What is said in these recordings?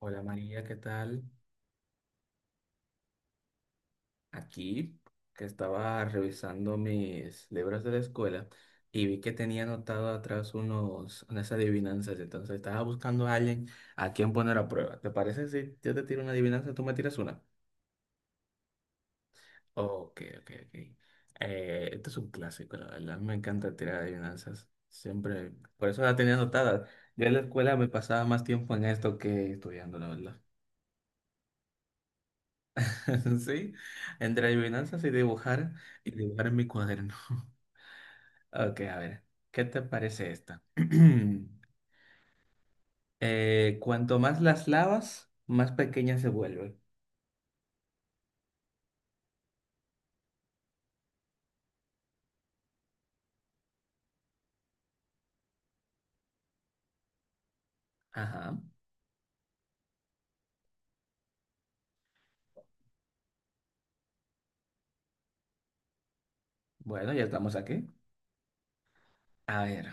Hola María, ¿qué tal? Aquí que estaba revisando mis libros de la escuela y vi que tenía anotado atrás unas adivinanzas, entonces estaba buscando a alguien a quien poner a prueba. ¿Te parece si yo te tiro una adivinanza, tú me tiras una? Ok, ok, ok. Esto es un clásico, la verdad, me encanta tirar adivinanzas, siempre, por eso la tenía anotada. Yo en la escuela me pasaba más tiempo en esto que estudiando, la verdad. Sí, entre adivinanzas y dibujar en mi cuaderno. Ok, a ver, ¿qué te parece esta? Cuanto más las lavas, más pequeñas se vuelven. Ajá, bueno, ya estamos aquí. A ver,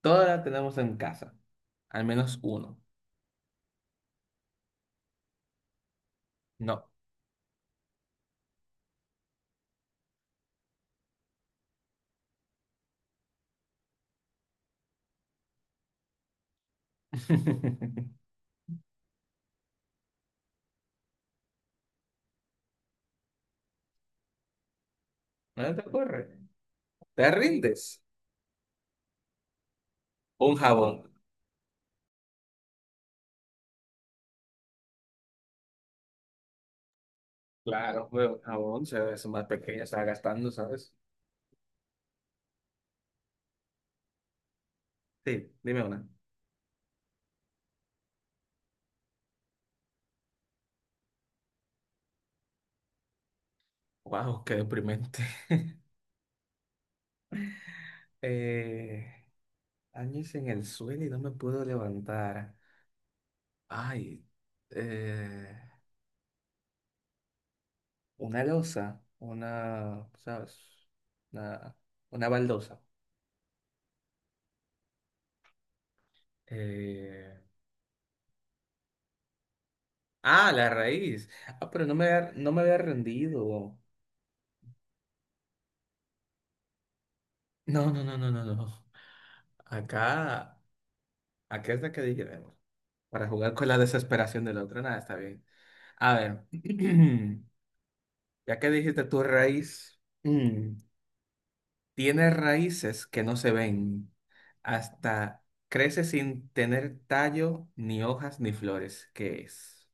todas las tenemos en casa, al menos uno. No. ¿No te ocurre? ¿Te rindes? Un jabón. Claro, pero un jabón se ve más pequeña, está gastando, ¿sabes? Sí, dime una. Wow, qué deprimente. Eh, Años en el suelo y no me puedo levantar. Ay, eh, una losa, una, ¿sabes? Una, una baldosa. Eh, ah, la raíz. Ah, pero no me había rendido. No, no, no, no, no, no. Acá, acá es la que dijimos. Para jugar con la desesperación del otro. Nada, está bien. A ver, ya que dijiste tu raíz. Tiene raíces que no se ven, hasta crece sin tener tallo, ni hojas, ni flores. ¿Qué es?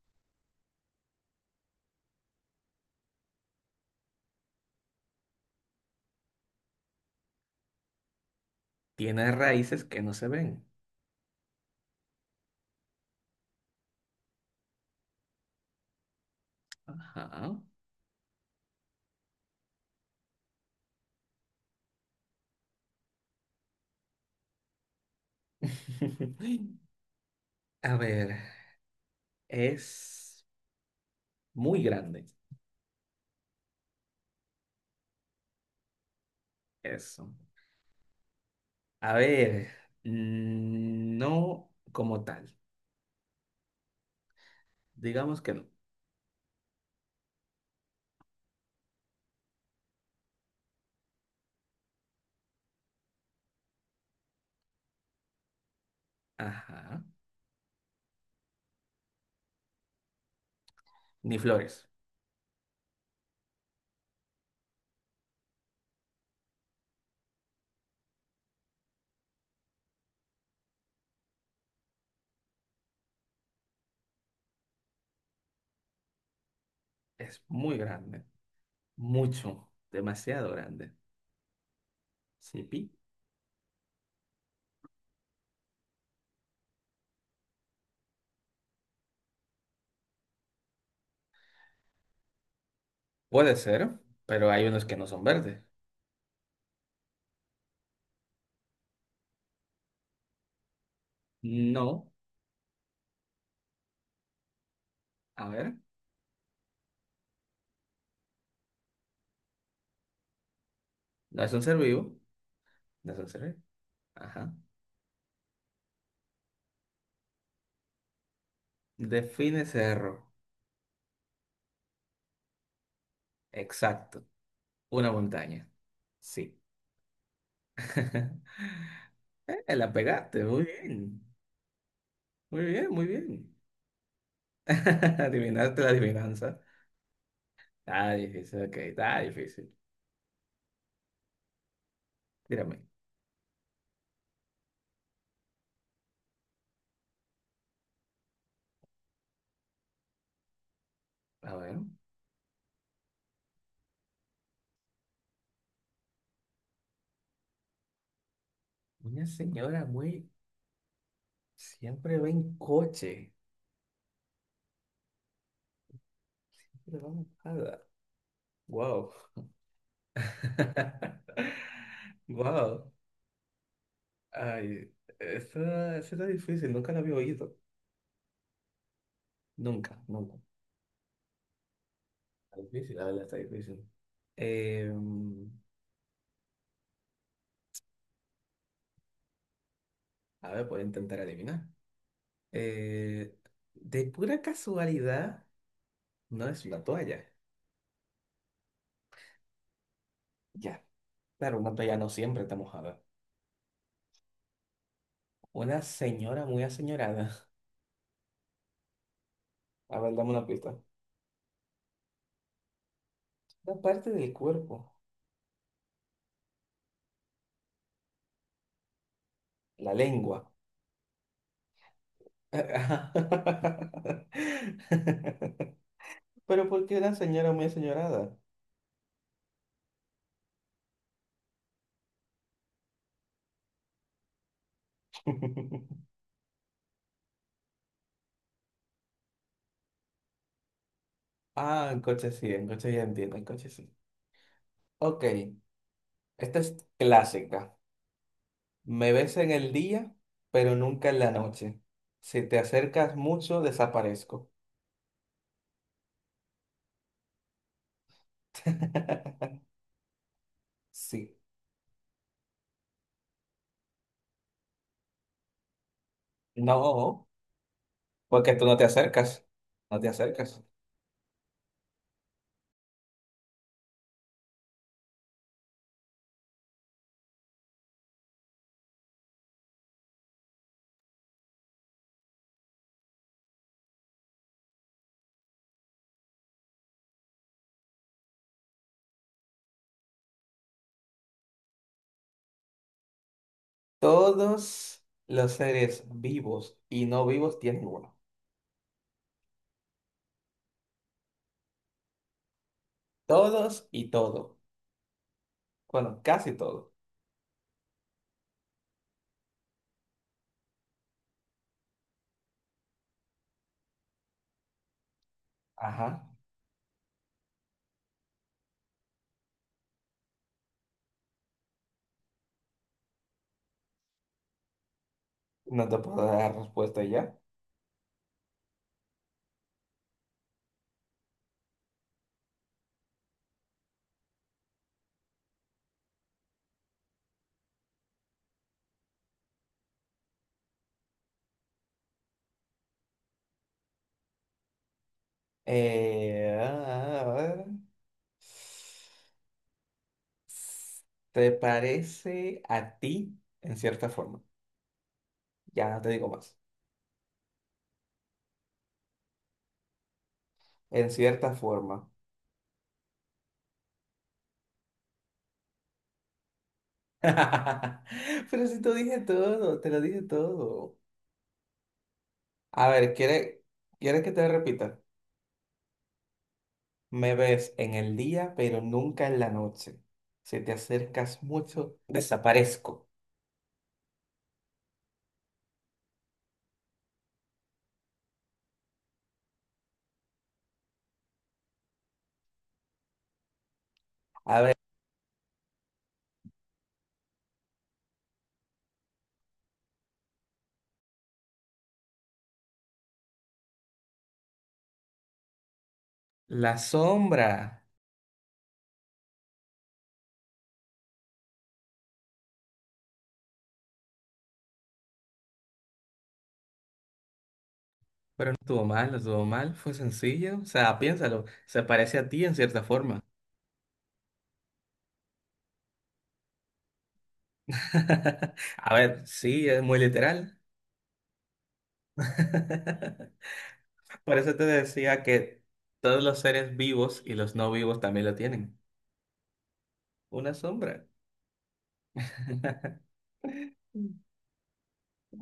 Tiene raíces que no se ven. Ajá. A ver, es muy grande. Eso. A ver, no como tal. Digamos que no. Ajá. Ni flores. Es muy grande. Mucho. Demasiado grande. Sí, pi. Puede ser, pero hay unos que no son verdes. No, a ver, no es un ser vivo, no es un ser vivo. Ajá. Define cerro. Exacto, una montaña. Sí. La pegaste, muy bien. Muy bien, muy bien. Adivinaste la adivinanza. Está difícil, ok, está difícil. Dígame, a ver, una señora muy... Siempre va en coche. Siempre va mojada. Wow. Wow. Ay, esta está difícil, nunca la había oído. Nunca, nunca. Está difícil, la verdad, está difícil. Eh, a ver, puedo intentar adivinar. Eh, de pura casualidad, no es una toalla. Ya, claro, una toalla no siempre está mojada. Una señora muy aseñorada. A ver, dame una pista. La parte del cuerpo, la lengua. Pero ¿por qué una señora muy aseñorada? Ah, en coche sí, en coche ya entiendo, en coche sí. Ok, esta es clásica. Me ves en el día, pero nunca en la noche. Si te acercas mucho, desaparezco. Sí. No, porque tú no te acercas. No te acercas. Todos los seres vivos y no vivos tienen uno. Todos y todo. Bueno, casi todo. Ajá. No te puedo dar respuesta ya. A ver. Te parece a ti en cierta forma. Ya no te digo más. En cierta forma. Pero si te dije todo, te lo dije todo. A ver, ¿quieres que te repita? Me ves en el día, pero nunca en la noche. Si te acercas mucho, desaparezco. A ver, la sombra. Pero no estuvo mal. Fue sencillo. O sea, piénsalo. Se parece a ti en cierta forma. A ver, sí, es muy literal. Por eso te decía que todos los seres vivos y los no vivos también lo tienen. Una sombra.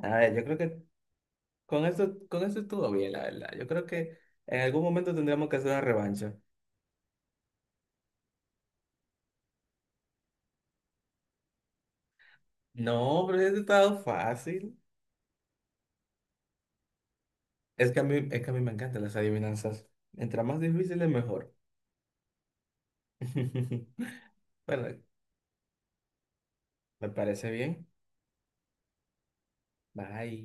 A ver, yo creo que con esto estuvo bien, la verdad. Yo creo que en algún momento tendríamos que hacer una revancha. No, pero es estado fácil. Es que es que a mí me encantan las adivinanzas. Entre más difíciles, mejor. Bueno, me parece bien. Bye.